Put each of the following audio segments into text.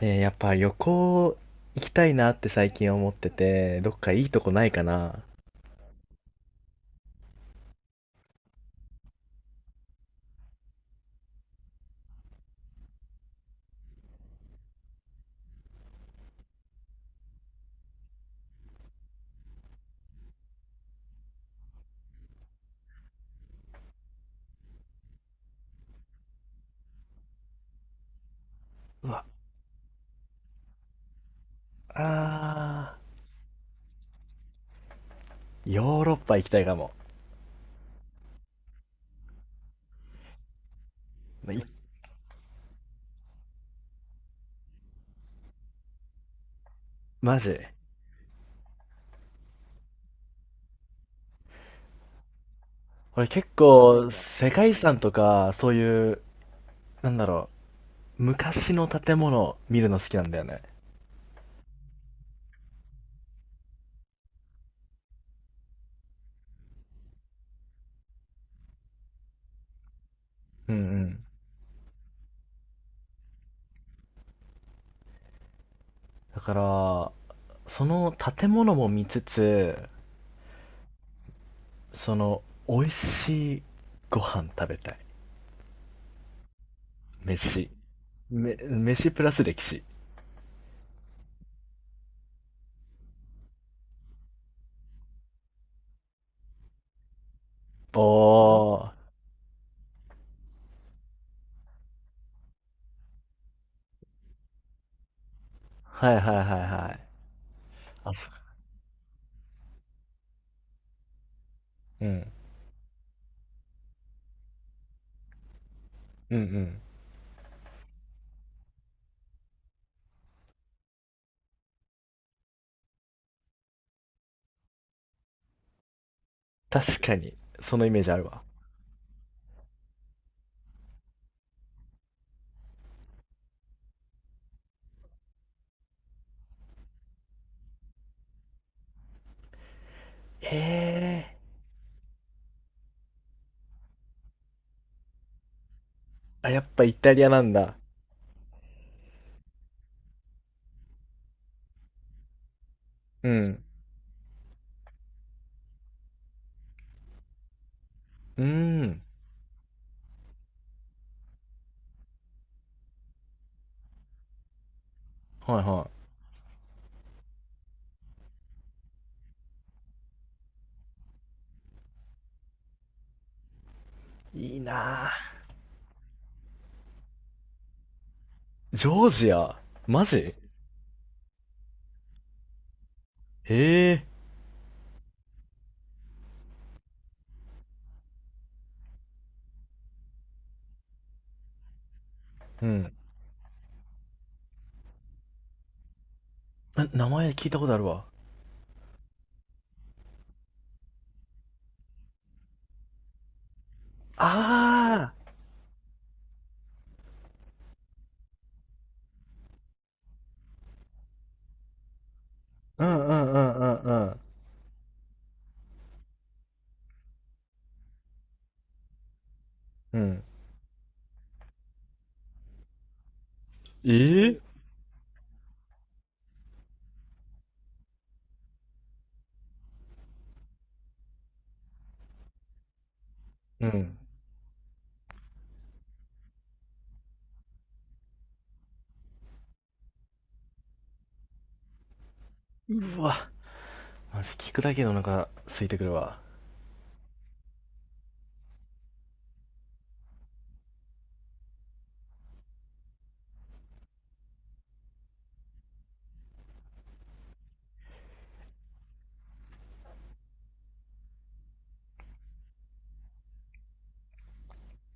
やっぱ旅行行きたいなって最近思ってて、どっかいいとこないかな。うわ、あヨーロッパ行きたいかも。まいマジ。俺結構世界遺産とか、そういう、なんだろう、昔の建物見るの好きなんだよね。うんうん。だから、その建物も見つつ、その、美味しいご飯食べたい。飯。飯プラス歴史。おー。はいはいはいはい。あうん。うんうん。確かに、そのイメージあるわ。ええー、あ、やっぱイタリアなんだ。うん。うーん。はいはい。いいなあ。ジョージア。マジ。ええうん。名前聞いたことあるわ。ああ、うんうんうんうんうん。うん。ええうん。うわ。マジ聞くだけでお腹空いてくるわ。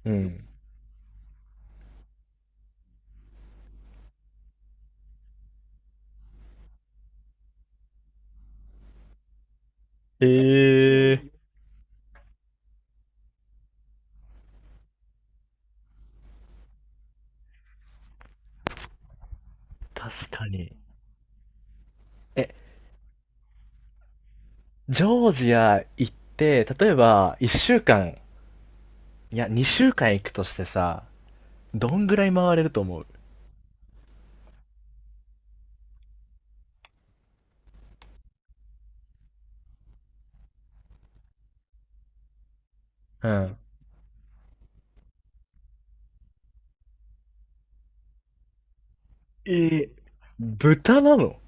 うん。ええ。確かに。え、ジョージア行って、例えば1週間、いや2週間行くとしてさ、どんぐらい回れると思う？うん。えー、豚なの？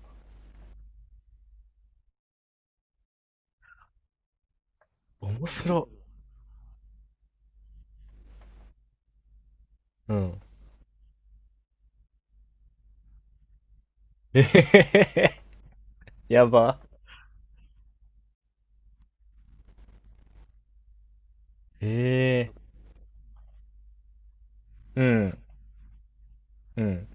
面白。うん。えへへへ。やば。ええー。うん。うん。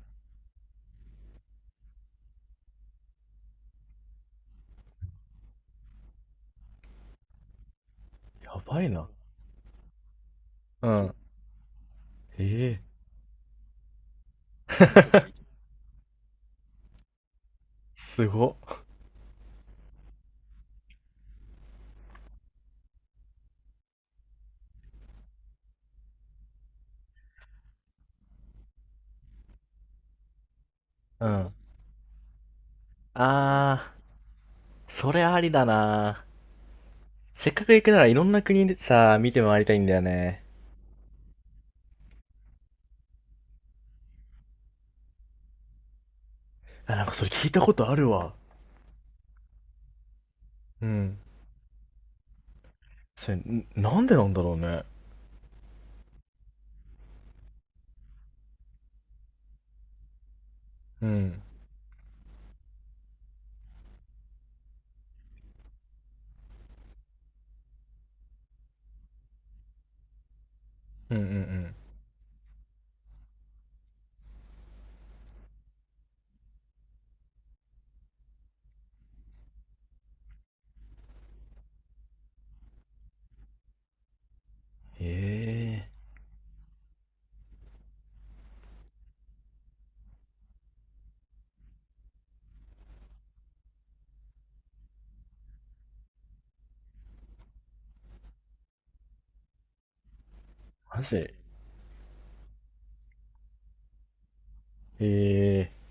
やばいな。うん。ええー。すご。うん。あそれありだな。せっかく行くならいろんな国でさ、見て回りたいんだよね。あ、なんかそれ聞いたことあるわ。うん。それ、なんでなんだろうね。うん。うんうんうん。ええー。マジ。ええ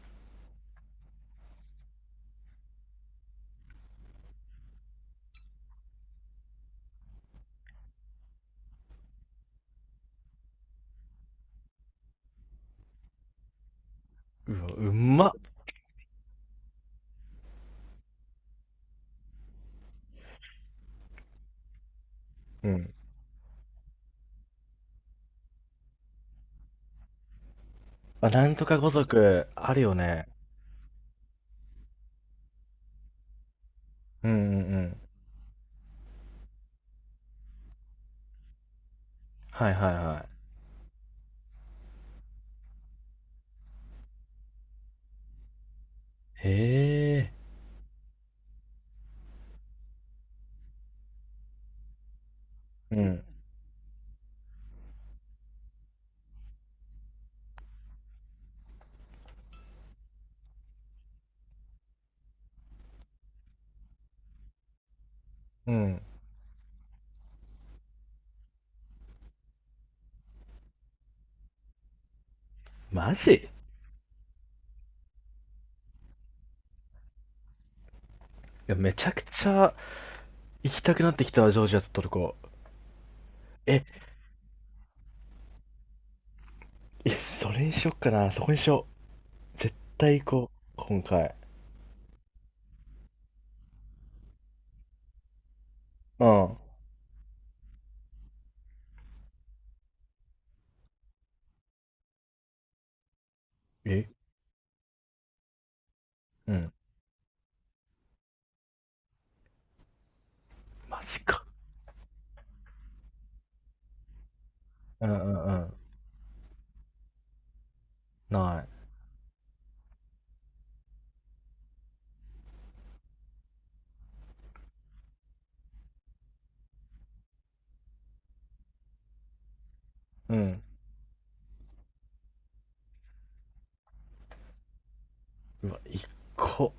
ー。うわ、うまっ。うん。あ、なんとか語族、あるよね。うんうんうん。はいはいはい。ええうん。うん。うん。マジ。いや、めちゃくちゃ行きたくなってきたわ、ジョージアとトルコ。え、いやそれにしよっかな、そこにしよう。絶対行こう、今回。うん、え、うん。マジか。うんうんうん。ない。うん。うわ、一個、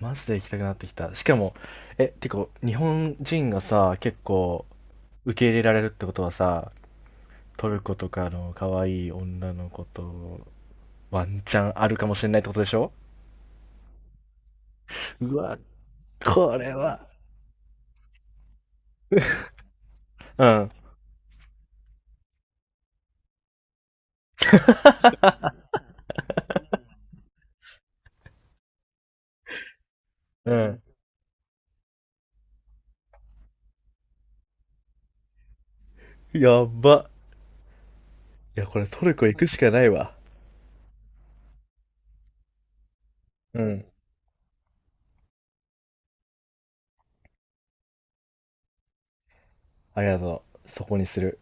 マジで行きたくなってきた。しかも、え、てか、日本人がさ、結構受け入れられるってことはさ、トルコとかの可愛い女の子とワンチャンあるかもしれないってことでしょ？うわ、これは。うん、うん。やば。いや、これトルコ行くしかないわ。うん。ありがとう。そこにする。